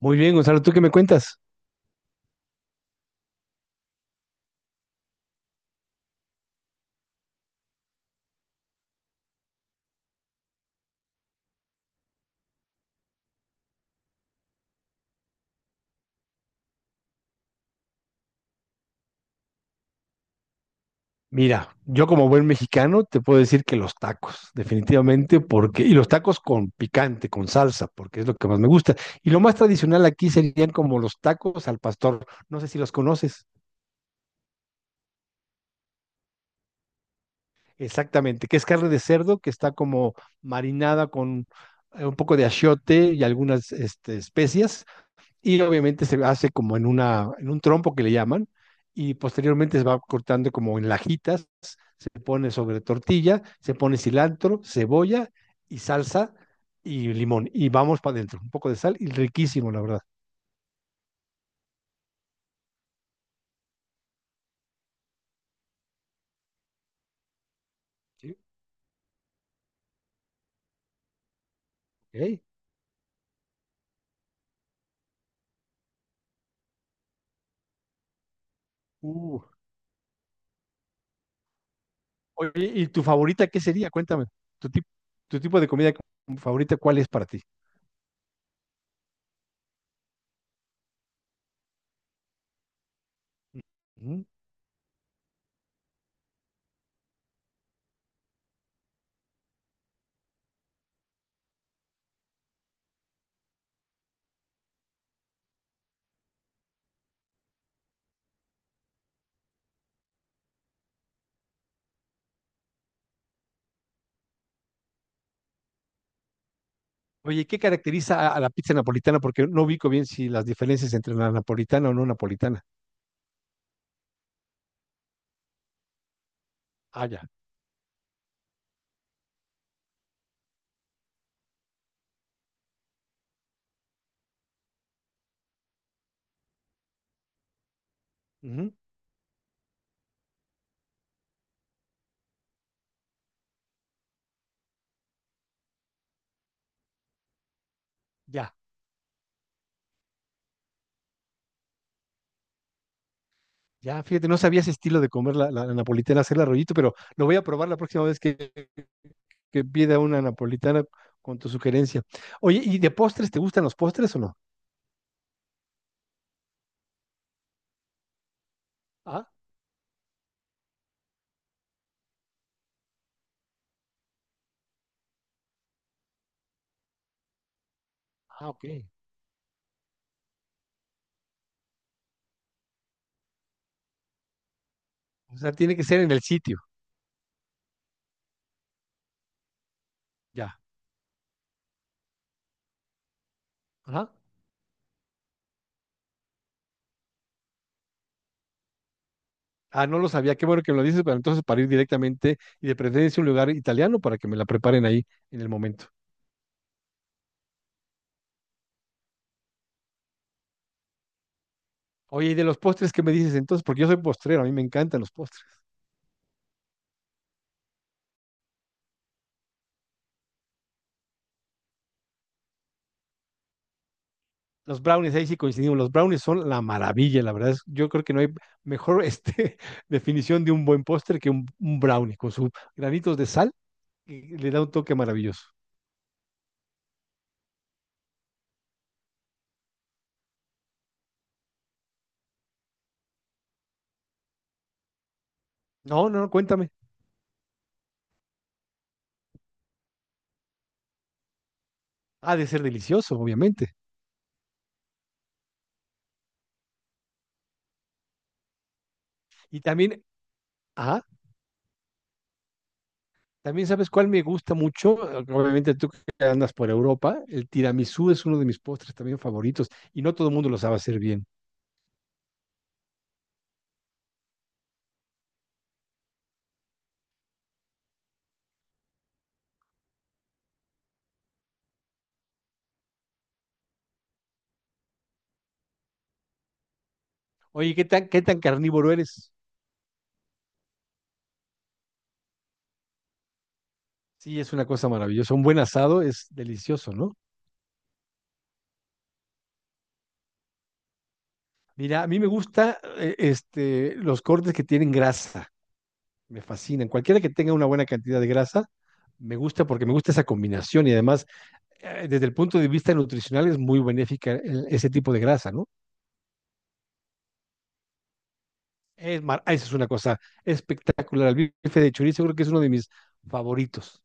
Muy bien, Gonzalo, ¿tú qué me cuentas? Mira, yo como buen mexicano te puedo decir que los tacos, definitivamente, porque, y los tacos con picante, con salsa, porque es lo que más me gusta. Y lo más tradicional aquí serían como los tacos al pastor, no sé si los conoces exactamente, que es carne de cerdo que está como marinada con un poco de achiote y algunas especias y obviamente se hace como en en un trompo que le llaman, y posteriormente se va cortando como en lajitas, se pone sobre tortilla, se pone cilantro, cebolla y salsa y limón, y vamos para adentro, un poco de sal, y riquísimo, la verdad. Sí, ok. Uh, Oye, ¿y tu favorita qué sería? Cuéntame, tu tipo, tu tipo de comida favorita, ¿cuál es para ti? Ujú. Oye, ¿qué caracteriza a la pizza napolitana? Porque no ubico bien si las diferencias entre la napolitana o no napolitana. Ah, ya. Ujú. Ya. Ya, fíjate, no sabía ese estilo de comer la napolitana, hacerla rollito, pero lo voy a probar la próxima vez que pida una napolitana con tu sugerencia. Oye, ¿y de postres te gustan los postres o no? Ah, ah, ok. O sea, tiene que ser en el sitio, ya. Ajá. Ah, no lo sabía, qué bueno que me lo dices, pero entonces para ir directamente y de preferencia a un lugar italiano para que me la preparen ahí en el momento. Oye, ¿y de los postres qué me dices entonces? Porque yo soy postrero, a mí me encantan los postres. Los brownies, ahí sí coincidimos. Los brownies son la maravilla, la verdad. Yo creo que no hay mejor definición de un buen postre que un brownie con sus granitos de sal y le da un toque maravilloso. No, no, no, cuéntame. Ha de ser delicioso, obviamente. Y también, ah, también sabes cuál me gusta mucho. Obviamente tú que andas por Europa, el tiramisú es uno de mis postres también favoritos y no todo el mundo lo sabe hacer bien. Oye, ¿qué tan carnívoro eres? Sí, es una cosa maravillosa. Un buen asado es delicioso, ¿no? Mira, a mí me gusta los cortes que tienen grasa. Me fascinan. Cualquiera que tenga una buena cantidad de grasa, me gusta porque me gusta esa combinación y además, desde el punto de vista nutricional, es muy benéfica ese tipo de grasa, ¿no? Ah, esa es una cosa espectacular. El bife de chorizo creo que es uno de mis favoritos.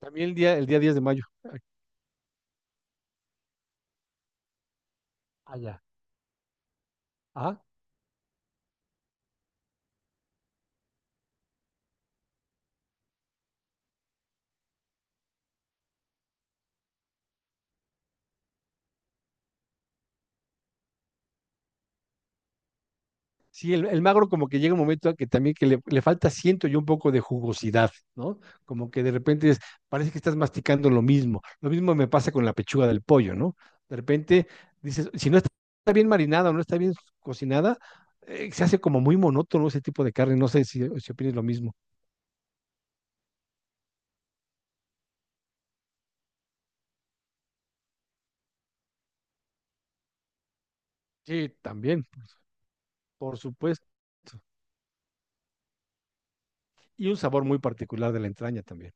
También el día 10 de mayo. Allá. Sí, el magro como que llega un momento a que también que le falta, siento yo, un poco de jugosidad, ¿no? Como que de repente parece que estás masticando lo mismo. Lo mismo me pasa con la pechuga del pollo, ¿no? De repente dices, si no está está bien marinada o no está bien cocinada, se hace como muy monótono ese tipo de carne. No sé si opinas lo mismo. Sí, también, por supuesto. Y un sabor muy particular de la entraña también.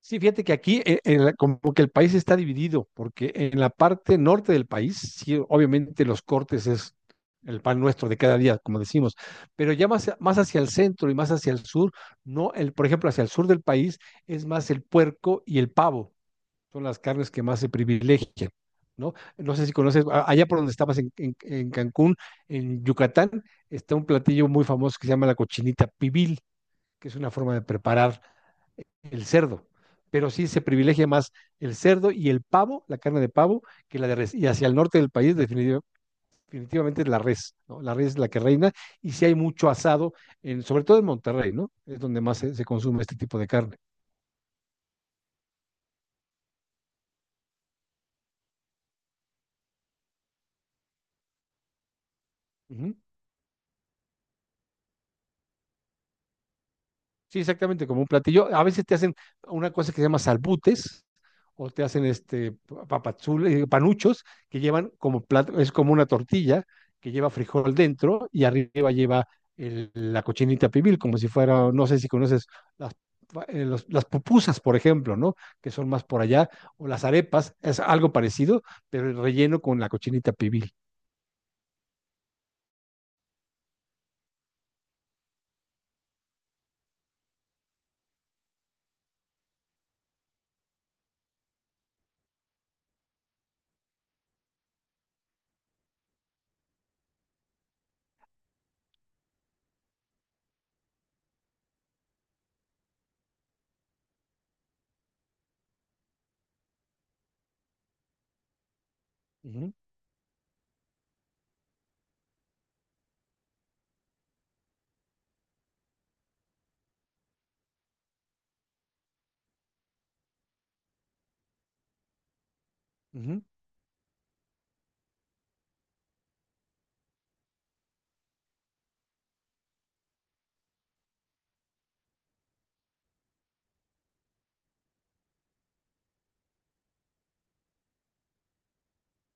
Sí, fíjate que aquí en como que el país está dividido, porque en la parte norte del país, sí, obviamente los cortes es el pan nuestro de cada día, como decimos, pero ya más hacia el centro y más hacia el sur, no, el, por ejemplo, hacia el sur del país es más el puerco y el pavo, son las carnes que más se privilegian, ¿no? No sé si conoces, allá por donde estabas en Cancún, en Yucatán, está un platillo muy famoso que se llama la cochinita pibil, que es una forma de preparar el cerdo, pero sí se privilegia más el cerdo y el pavo, la carne de pavo, que la de res. Y hacia el norte del país definitivamente es la res, ¿no? La res es la que reina y si sí hay mucho asado, en, sobre todo en Monterrey, ¿no? Es donde más se consume este tipo de carne. Uh -huh. Sí, exactamente, como un platillo. A veces te hacen una cosa que se llama salbutes o te hacen papazules, panuchos que llevan como plato, es como una tortilla que lleva frijol dentro y arriba lleva la cochinita pibil, como si fuera, no sé si conoces las, las pupusas, por ejemplo, ¿no? Que son más por allá, o las arepas, es algo parecido, pero el relleno con la cochinita pibil. Ujú, ujú,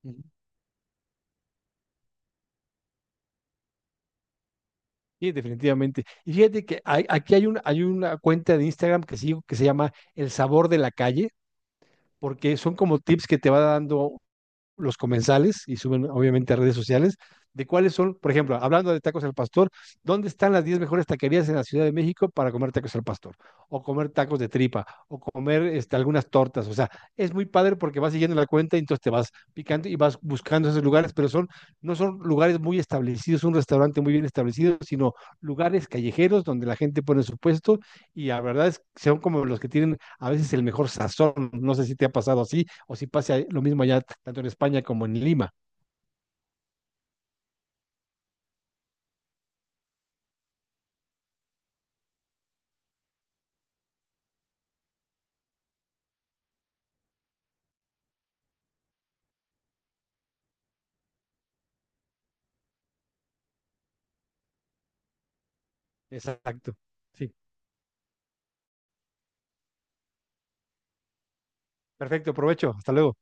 ujú. Sí, definitivamente. Y fíjate que aquí hay una cuenta de Instagram que sigo que se llama El Sabor de la Calle, porque son como tips que te va dando los comensales y suben obviamente a redes sociales de cuáles son, por ejemplo, hablando de tacos al pastor, ¿dónde están las 10 mejores taquerías en la Ciudad de México para comer tacos al pastor? O comer tacos de tripa, o comer algunas tortas. O sea, es muy padre porque vas siguiendo la cuenta y entonces te vas picando y vas buscando esos lugares, pero no son lugares muy establecidos, un restaurante muy bien establecido, sino lugares callejeros donde la gente pone su puesto y la verdad es que son como los que tienen a veces el mejor sazón. No sé si te ha pasado así o si pase lo mismo allá, tanto en España como en Lima. Exacto. Sí, perfecto, provecho. Hasta luego.